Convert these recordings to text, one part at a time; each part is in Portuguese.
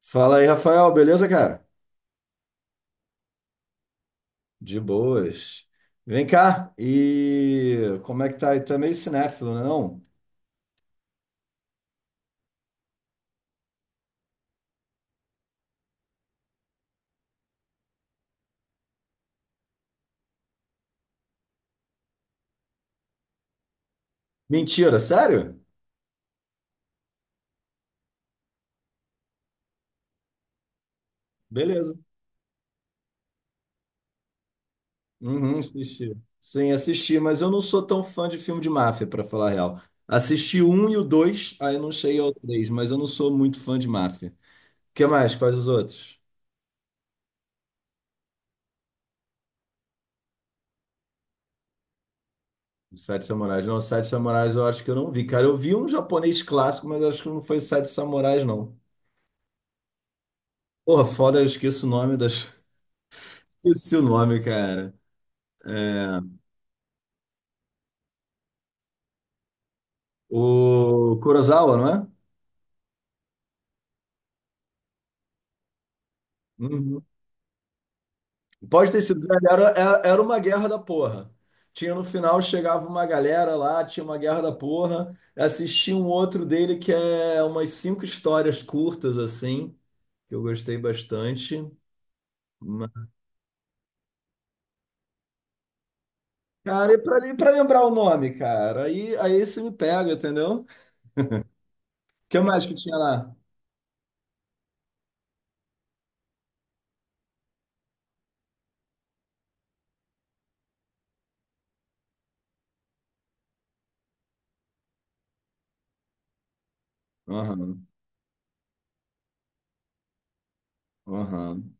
Fala aí, Rafael, beleza, cara? De boas. Vem cá, e como é que tá aí? Tu é meio cinéfilo, né, não? Mentira, sério? Beleza. Uhum, assisti. Sim, assisti, mas eu não sou tão fã de filme de máfia, pra falar a real. Assisti o um e o dois, aí não cheguei ao três, mas eu não sou muito fã de máfia. O que mais? Quais os outros? Os Sete Samurais. Não, os Sete Samurais eu acho que eu não vi, cara. Eu vi um japonês clássico, mas acho que não foi Sete Samurais, não. Porra, foda, eu esqueço o nome das... Esqueci o nome, cara. É, o Kurosawa, não é? Uhum. Pode ter sido, velho, era uma guerra da porra. Tinha no final, chegava uma galera lá, tinha uma guerra da porra. Assisti um outro dele que é umas cinco histórias curtas, assim, que eu gostei bastante. Mas- Cara, e pra lembrar o nome, cara, aí isso me pega, entendeu? O que mais que tinha lá? Aham, aham.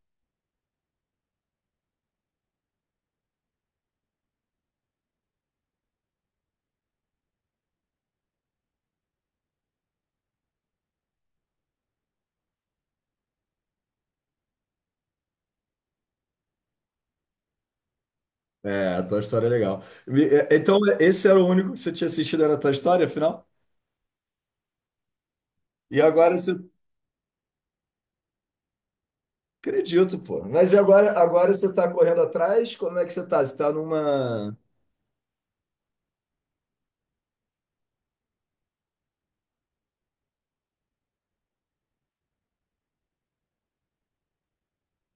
É, a tua história é legal. Então, esse era o único que você tinha assistido, era a tua história, afinal? E agora você. Acredito, pô. Mas e agora você tá correndo atrás? Como é que você tá? Você tá numa.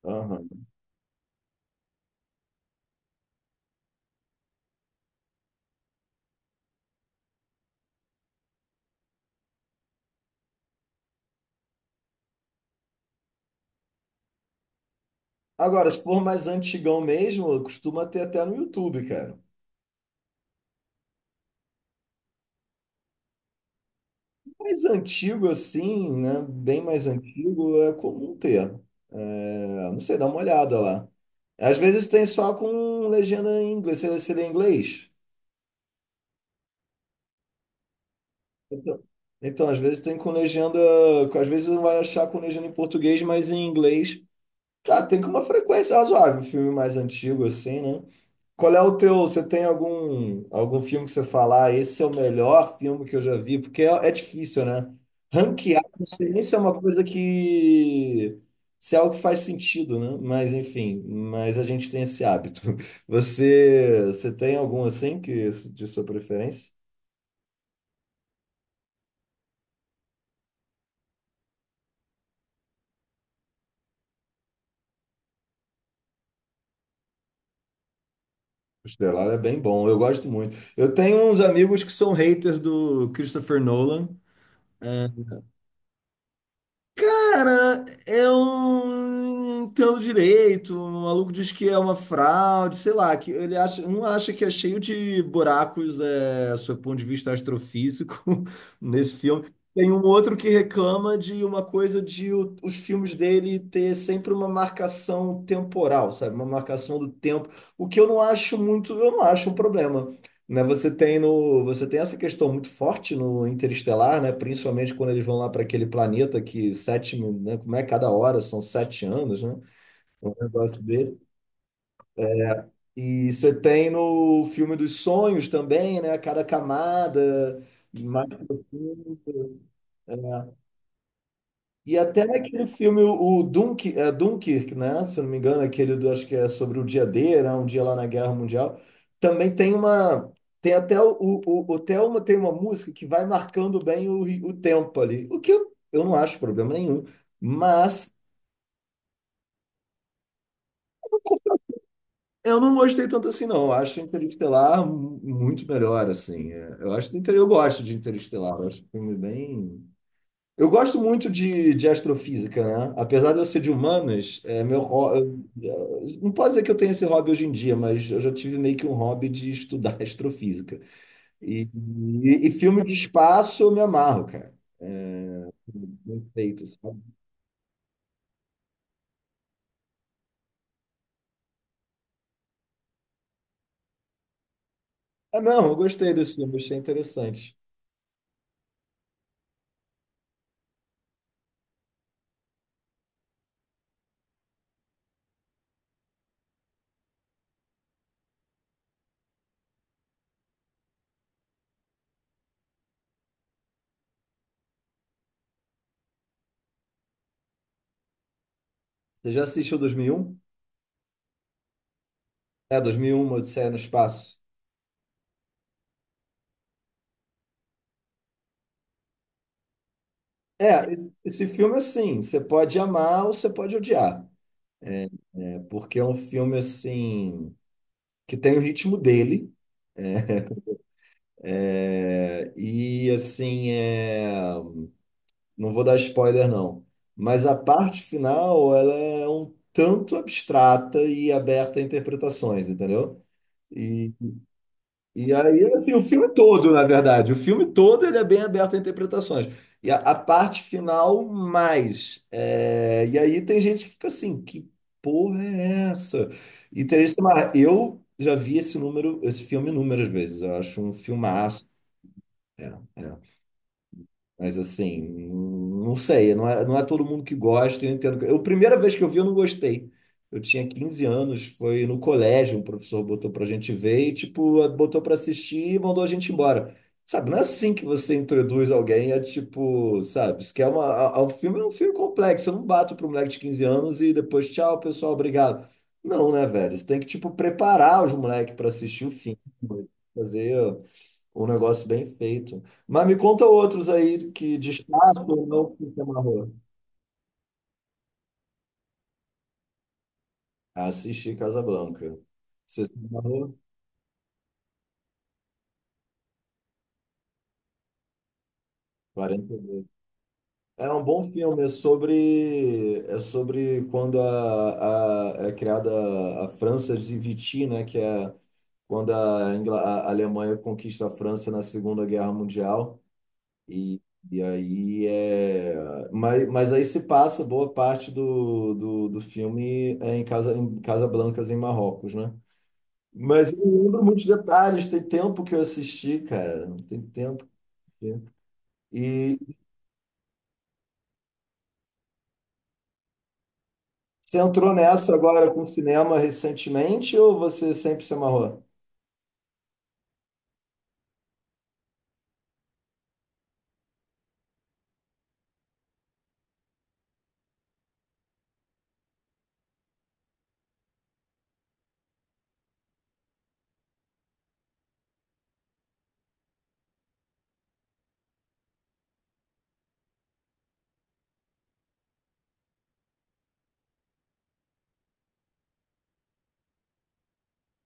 Aham. Agora, se for mais antigão mesmo, costuma ter até no YouTube, cara. Mais antigo assim, né? Bem mais antigo, é comum ter. É, não sei, dá uma olhada lá. Às vezes tem só com legenda em inglês. Você lê em inglês? Então, então, às vezes tem com legenda. Às vezes não vai achar com legenda em português, mas em inglês. Tá, tem que uma frequência razoável, um filme mais antigo assim, né? Qual é o teu, você tem algum filme que você falar, "Ah, esse é o melhor filme que eu já vi?" Porque é difícil, né? Ranquear, não sei nem se é uma coisa que se é algo que faz sentido, né? Mas enfim, mas a gente tem esse hábito. Você tem algum assim que de sua preferência? O Estelar é bem bom, eu gosto muito. Eu tenho uns amigos que são haters do Christopher Nolan. eh, Cara, eu não entendo direito. O maluco diz que é uma fraude, sei lá, que ele acha, um acha que é cheio de buracos, sob o ponto de vista astrofísico, nesse filme. Tem um outro que reclama de uma coisa de os filmes dele ter sempre uma marcação temporal, sabe? Uma marcação do tempo, o que eu não acho muito, eu não acho um problema, né, você tem no, você tem essa questão muito forte no Interestelar, né, principalmente quando eles vão lá para aquele planeta que né, como é cada hora, são 7 anos, né, um negócio desse. E você tem no filme dos sonhos também, né, cada camada mais profundo. E até naquele filme, o Dunkirk, né? Se eu não me engano, é aquele acho que é sobre o dia D, né? Um dia lá na Guerra Mundial. Também tem uma. Tem até o Thelma tem uma música que vai marcando bem o tempo ali. O que eu não acho problema nenhum. Mas eu não gostei tanto assim, não. Eu acho Interestelar muito melhor, assim. É, eu acho que eu gosto de Interestelar. Eu acho um filme bem. Eu gosto muito de astrofísica, né? Apesar de eu ser de humanas, é meu, ho- eu- não pode dizer que eu tenho esse hobby hoje em dia, mas eu já tive meio que um hobby de estudar astrofísica. E, e filme de espaço eu me amarro, cara. Bem feito, sabe? É mesmo, eu gostei desse filme, achei interessante. Você já assistiu 2001? É, 2001, Odisseia no Espaço. É, esse filme, assim, você pode amar ou você pode odiar, né? Porque é um filme, assim, que tem o ritmo dele. É, e assim, não vou dar spoiler não, mas a parte final ela é um tanto abstrata e aberta a interpretações, entendeu? E, e aí, assim, o filme todo, na verdade, o filme todo ele é bem aberto a interpretações. E a parte final, mais. É, e aí tem gente que fica assim, que porra é essa? E tem gente que fala, "Ah, eu já vi esse filme inúmeras vezes, eu acho um filmaço." É, é. Mas assim, não sei, não é todo mundo que gosta, eu entendo. Eu, a primeira vez que eu vi, eu não gostei. Eu tinha 15 anos, foi no colégio, um professor botou pra gente ver e, tipo, botou pra assistir e mandou a gente embora. Sabe, não é assim que você introduz alguém, é tipo, sabe, isso que é uma, a- um filme, é um filme complexo, eu não bato pro moleque de 15 anos e depois, tchau, pessoal, obrigado. Não, né, velho? Você tem que, tipo, preparar os moleques pra assistir o filme, fazer. Um negócio bem feito. Mas me conta outros aí que destaque ou não que você amarrou. Assisti Casablanca. Você se amarrou? 42. É um bom filme, é sobre quando é criada a França de Vichy, né? Que é quando a Alemanha conquista a França na Segunda Guerra Mundial. E, e aí é. Mas aí se passa boa parte do filme é em Casablancas, em Marrocos, né? Mas eu não lembro muitos detalhes, tem tempo que eu assisti, cara. Tem tempo. que- E você entrou nessa agora com o cinema recentemente ou você sempre se amarrou?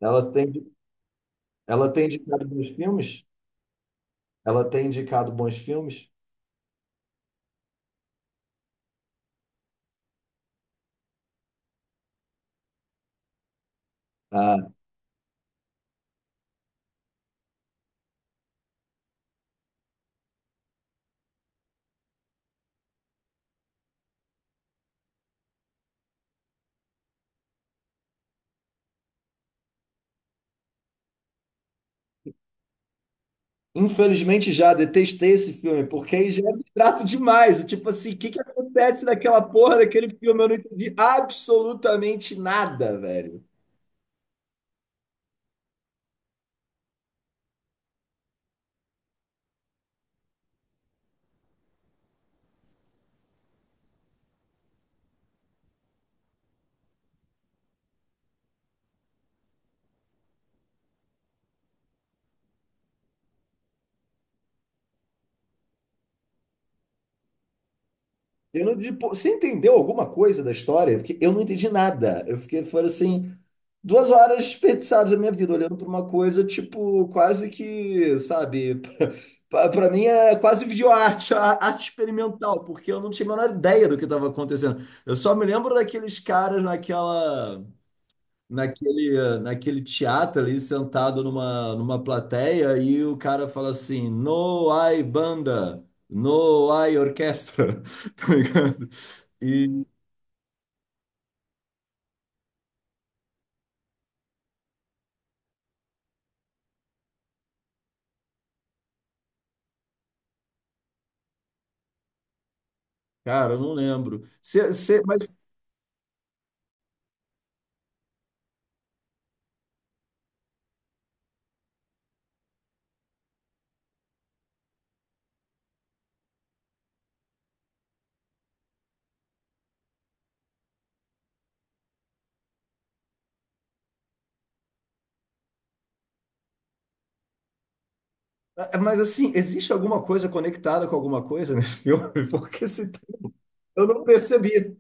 Ela tem, ela tem indicado bons filmes? Ela tem indicado bons filmes? Ah, infelizmente já detestei esse filme, porque aí já é abstrato demais. Tipo assim, o que que acontece naquela porra daquele filme? Eu não entendi absolutamente nada, velho. Eu não entendi. Pô, você entendeu alguma coisa da história? Porque eu não entendi nada. Eu fiquei, foram assim, 2 horas desperdiçadas da minha vida, olhando pra uma coisa, tipo, quase que, sabe? Pra mim é quase videoarte, arte experimental, porque eu não tinha a menor ideia do que estava acontecendo. Eu só me lembro daqueles caras naquela. Naquele teatro ali, sentado numa plateia, e o cara fala assim: No hay banda, no hay orquestra, tá ligado? E, cara, eu não lembro. Mas, assim, existe alguma coisa conectada com alguma coisa nesse filme? Porque se tem, eu não percebi.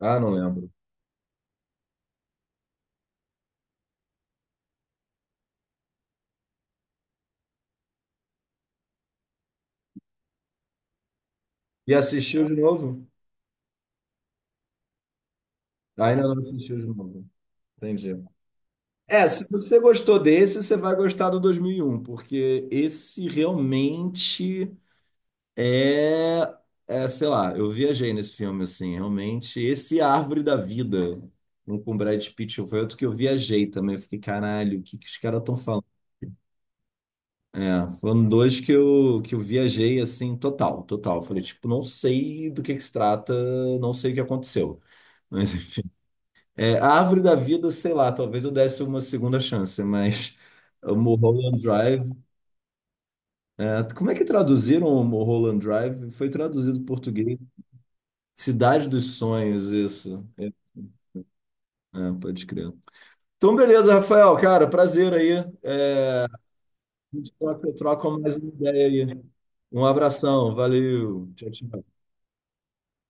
Ah, não lembro. E assistiu de novo? Ah, ainda não assistiu de novo. Entendi. É, se você gostou desse, você vai gostar do 2001, porque esse realmente é, sei lá, eu viajei nesse filme, assim, realmente, esse Árvore da Vida, um com Brad Pitt, foi outro que eu viajei também, eu fiquei, caralho, o que que os caras estão falando? É, foram dois que eu viajei, assim, total, total, eu falei, tipo, não sei do que se trata, não sei o que aconteceu, mas enfim, a Árvore da Vida, sei lá, talvez eu desse uma segunda chance, mas... O Mulholland Drive Como é que traduziram o Mulholland Drive? Foi traduzido para português. Cidade dos Sonhos, isso. É, é, pode crer. Então, beleza, Rafael, cara, prazer aí. A gente troca mais uma ideia aí. Um abração, valeu. Tchau, tchau.